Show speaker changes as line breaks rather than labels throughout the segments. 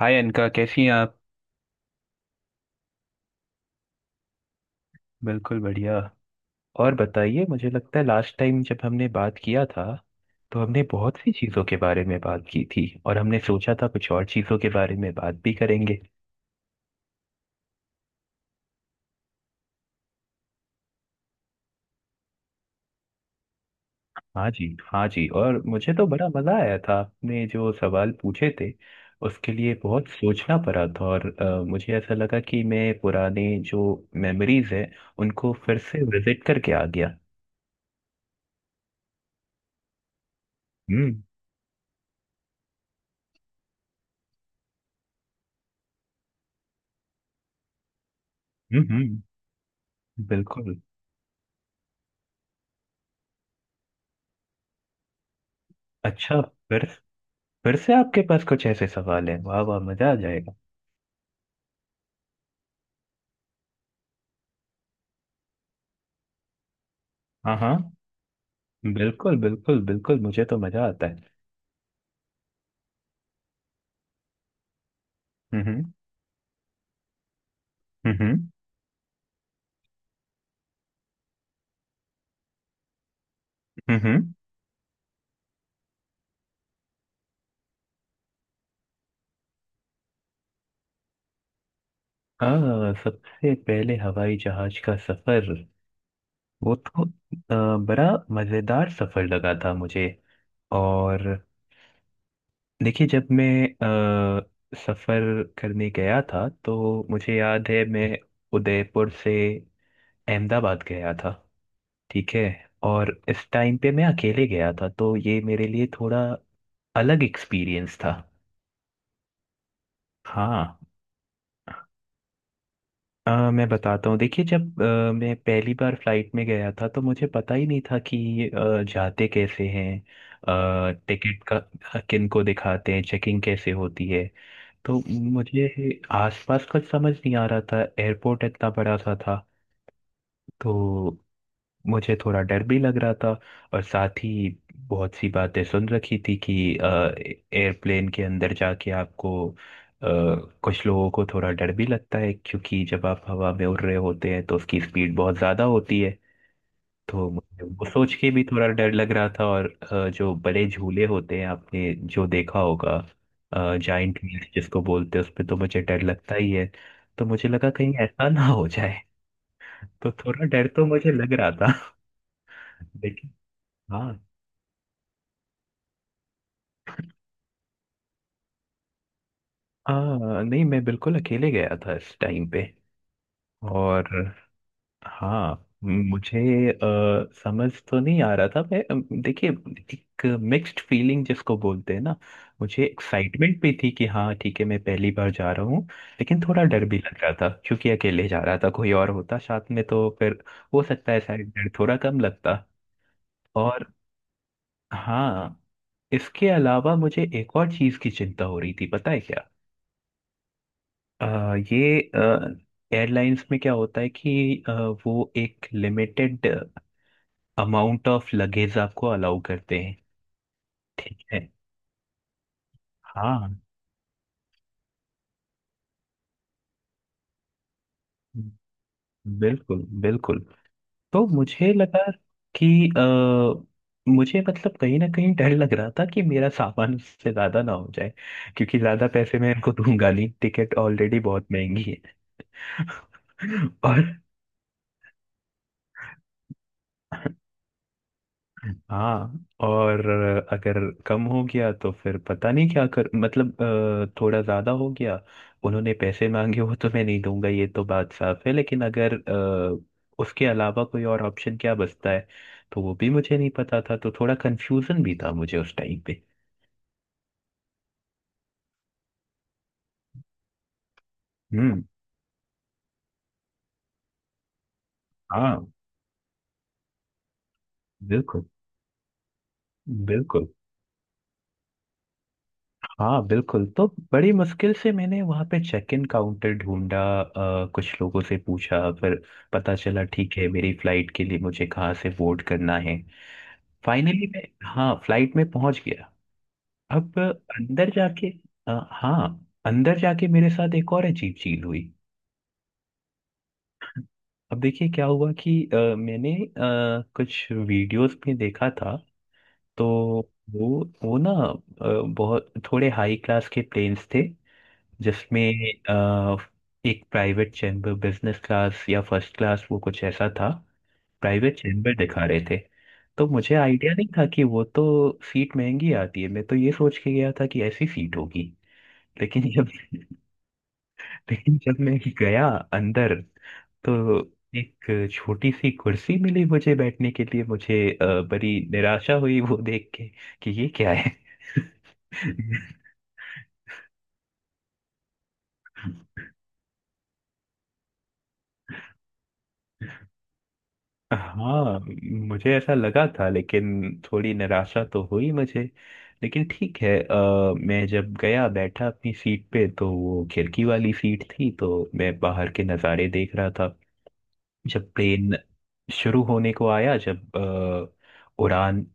हाय अनका, कैसी हैं आप। बिल्कुल बढ़िया। और बताइए, मुझे लगता है लास्ट टाइम जब हमने बात किया था तो हमने बहुत सी चीज़ों के बारे में बात की थी और हमने सोचा था कुछ और चीज़ों के बारे में बात भी करेंगे। हाँ जी, हाँ जी। और मुझे तो बड़ा मज़ा आया था, आपने जो सवाल पूछे थे उसके लिए बहुत सोचना पड़ा था। और मुझे ऐसा लगा कि मैं पुराने जो मेमोरीज हैं उनको फिर से विजिट करके आ गया। हम्म हम्म हम्म, बिल्कुल। अच्छा। फिर फिर से आपके पास कुछ ऐसे सवाल हैं। वाह वाह, मजा आ जाएगा। हाँ हाँ, बिल्कुल बिल्कुल बिल्कुल, मुझे तो मजा आता है। हम्म हम्म हम्म। हाँ, सबसे पहले हवाई जहाज का सफर वो तो बड़ा मजेदार सफर लगा था मुझे। और देखिए, जब मैं सफर करने गया था तो मुझे याद है मैं उदयपुर से अहमदाबाद गया था। ठीक है। और इस टाइम पे मैं अकेले गया था तो ये मेरे लिए थोड़ा अलग एक्सपीरियंस था। हाँ, मैं बताता हूँ। देखिए, जब मैं पहली बार फ्लाइट में गया था तो मुझे पता ही नहीं था कि जाते कैसे हैं, टिकट का किन को दिखाते हैं, चेकिंग कैसे होती है। तो मुझे आसपास कुछ समझ नहीं आ रहा था, एयरपोर्ट इतना बड़ा सा था। तो मुझे थोड़ा डर भी लग रहा था, और साथ ही बहुत सी बातें सुन रखी थी कि एयरप्लेन के अंदर जाके आपको, कुछ लोगों को थोड़ा डर भी लगता है क्योंकि जब आप हवा में उड़ रहे होते हैं तो उसकी स्पीड बहुत ज़्यादा होती है। तो मुझे वो सोच के भी थोड़ा डर लग रहा था। और जो बड़े झूले होते हैं, आपने जो देखा होगा, जाइंट व्हील्स जिसको बोलते हैं, उस पे तो मुझे डर लगता ही है। तो मुझे लगा कहीं ऐसा ना हो जाए। तो थोड़ा डर तो मुझे लग रहा था। लेकिन हाँ। हाँ नहीं, मैं बिल्कुल अकेले गया था इस टाइम पे। और हाँ, मुझे समझ तो नहीं आ रहा था। मैं, देखिए, एक मिक्स्ड फीलिंग जिसको बोलते हैं ना। मुझे एक्साइटमेंट भी थी कि हाँ ठीक है, मैं पहली बार जा रहा हूँ। लेकिन थोड़ा डर भी लग रहा था क्योंकि अकेले जा रहा था, कोई और होता साथ में तो फिर हो सकता है शायद डर थोड़ा कम लगता। और हाँ, इसके अलावा मुझे एक और चीज़ की चिंता हो रही थी, पता है क्या। अ, ये एयरलाइंस में क्या होता है कि वो एक लिमिटेड अमाउंट ऑफ लगेज आपको अलाउ करते हैं। ठीक है। हाँ बिल्कुल बिल्कुल। तो मुझे लगा कि अ, मुझे, मतलब, कहीं ना कहीं डर लग रहा था कि मेरा सामान उससे ज्यादा ना हो जाए, क्योंकि ज्यादा पैसे मैं इनको दूंगा नहीं, टिकट ऑलरेडी बहुत महंगी है। और हाँ, और अगर कम हो गया तो फिर पता नहीं क्या कर, मतलब थोड़ा ज़्यादा हो गया, उन्होंने पैसे मांगे, वो तो मैं नहीं दूंगा, ये तो बात साफ है। लेकिन अगर उसके अलावा कोई और ऑप्शन क्या बचता है, तो वो भी मुझे नहीं पता था, तो थोड़ा कंफ्यूजन भी था मुझे उस टाइम पे। हम्म, हाँ बिल्कुल बिल्कुल, हाँ बिल्कुल। तो बड़ी मुश्किल से मैंने वहाँ पे चेक इन काउंटर ढूंढा, कुछ लोगों से पूछा, फिर पता चला ठीक है मेरी फ्लाइट के लिए मुझे कहाँ से बोर्ड करना है। फाइनली मैं, हाँ, फ्लाइट में पहुँच गया। अब अंदर जाके, हाँ, अंदर जाके मेरे साथ एक और अजीब चीज़ हुई। अब देखिए क्या हुआ कि मैंने कुछ वीडियोस में देखा था। तो वो वो ना, बहुत थोड़े हाई क्लास के प्लेन्स थे, जिसमें अ, एक प्राइवेट चैम्बर, बिजनेस क्लास या फर्स्ट क्लास, वो कुछ ऐसा था, प्राइवेट चैम्बर दिखा रहे थे। तो मुझे आइडिया नहीं था कि वो तो सीट महंगी आती है, मैं तो ये सोच के गया था कि ऐसी सीट होगी। लेकिन जब लेकिन जब मैं गया अंदर, तो एक छोटी सी कुर्सी मिली मुझे बैठने के लिए। मुझे बड़ी निराशा हुई वो देख के, कि ये क्या है। हाँ, मुझे ऐसा लगा था, लेकिन थोड़ी निराशा तो हुई मुझे। लेकिन ठीक है, मैं जब गया बैठा अपनी सीट पे, तो वो खिड़की वाली सीट थी, तो मैं बाहर के नज़ारे देख रहा था। जब प्लेन शुरू होने को आया, जब उड़ान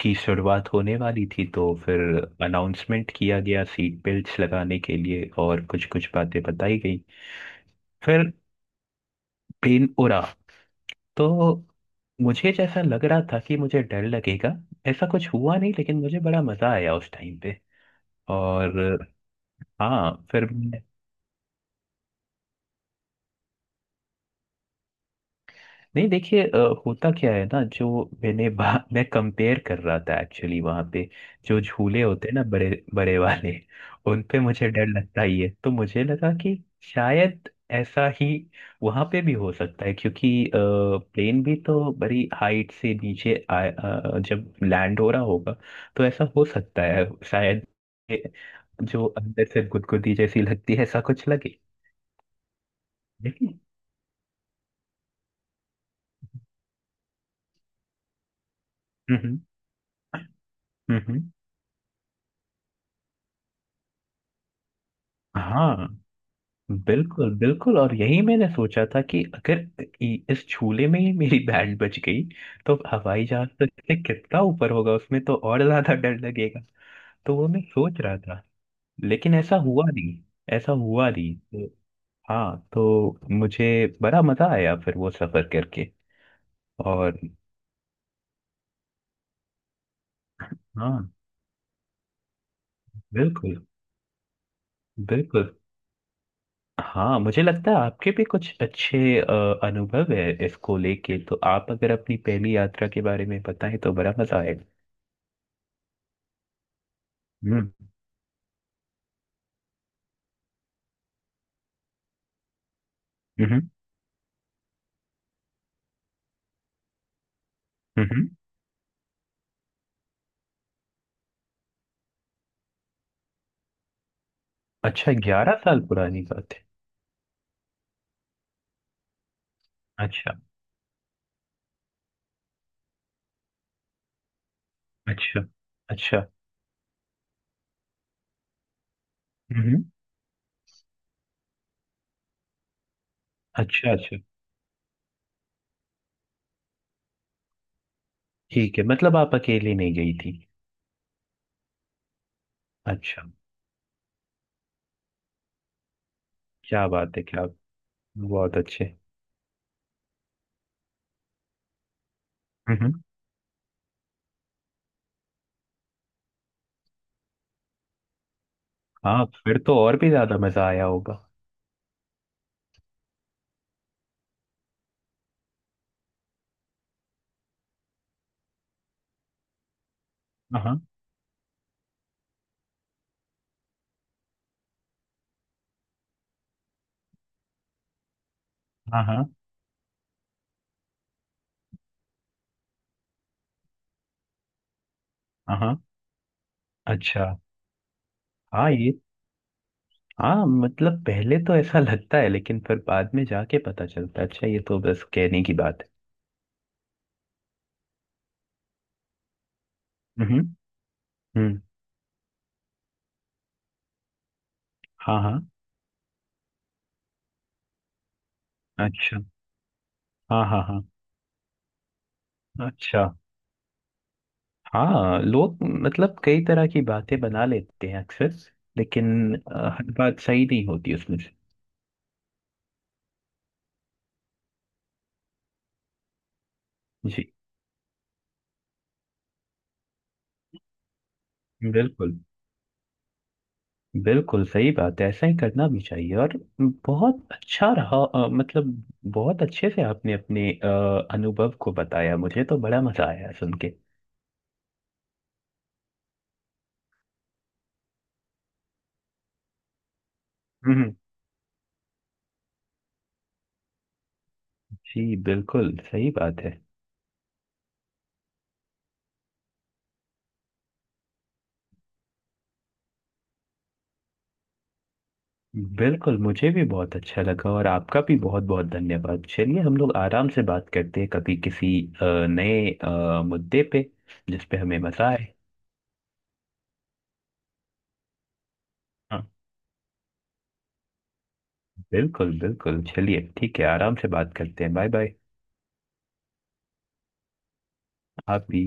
की शुरुआत होने वाली थी, तो फिर अनाउंसमेंट किया गया सीट बेल्ट्स लगाने के लिए, और कुछ कुछ बातें बताई गई। फिर प्लेन उड़ा। तो मुझे जैसा लग रहा था कि मुझे डर लगेगा, ऐसा कुछ हुआ नहीं, लेकिन मुझे बड़ा मजा आया उस टाइम पे। और हाँ, फिर, नहीं, देखिए, होता क्या है ना, मैं कंपेयर कर रहा था एक्चुअली वहां पे। जो झूले होते हैं ना, बड़े बड़े वाले, उन पे मुझे डर लगता ही है। तो मुझे लगा कि शायद ऐसा ही वहां पे भी हो सकता है, क्योंकि प्लेन भी तो बड़ी हाइट से नीचे जब लैंड हो रहा होगा तो ऐसा हो सकता है, शायद ये जो अंदर से गुदगुदी जैसी लगती है, ऐसा कुछ लगे। लेकिन हम्म हम्म हम्म, हम्म, हाँ बिल्कुल बिल्कुल। और यही मैंने सोचा था कि अगर इस झूले में ही मेरी बैंड बच गई, तो हवाई जहाज तक से कितना ऊपर होगा, उसमें तो और ज्यादा डर लगेगा। तो वो मैं सोच रहा था, लेकिन ऐसा हुआ नहीं। ऐसा हुआ नहीं, तो हाँ, तो मुझे बड़ा मजा आया फिर वो सफर करके। और हाँ बिल्कुल बिल्कुल। हाँ मुझे लगता है आपके भी कुछ अच्छे अनुभव है इसको लेके, तो आप अगर अपनी पहली यात्रा के बारे में बताएं तो बड़ा मजा आएगा। हम्म हम्म हम्म। अच्छा, 11 साल पुरानी बात है। अच्छा अच्छा अच्छा। हम्म। अच्छा अच्छा। ठीक है, मतलब आप अकेली नहीं गई थी। अच्छा, क्या बात है क्या। बहुत अच्छे। हम्म। हाँ, फिर तो और भी ज्यादा मजा आया होगा। हाँ हाँ हाँ। हाँ अच्छा। हाँ, ये, हाँ, मतलब पहले तो ऐसा लगता है, लेकिन फिर बाद में जाके पता चलता है अच्छा ये तो बस कहने की बात है। हम्म हम्म। हाँ हाँ। अच्छा। हाँ हाँ हाँ। अच्छा। हाँ लोग, मतलब, कई तरह की बातें बना लेते हैं अक्सर, लेकिन हर बात सही नहीं होती उसमें से। जी। बिल्कुल, बिल्कुल सही बात है, ऐसा ही करना भी चाहिए। और बहुत अच्छा रहा, मतलब बहुत अच्छे से आपने अपने अनुभव को बताया, मुझे तो बड़ा मजा आया सुन के। हम्म। जी, बिल्कुल सही बात है। बिल्कुल, मुझे भी बहुत अच्छा लगा, और आपका भी बहुत बहुत धन्यवाद। चलिए हम लोग आराम से बात करते हैं कभी किसी नए मुद्दे पे जिस पे हमें मजा आए। हाँ बिल्कुल बिल्कुल। चलिए ठीक है, आराम से बात करते हैं। Bye bye. आप भी।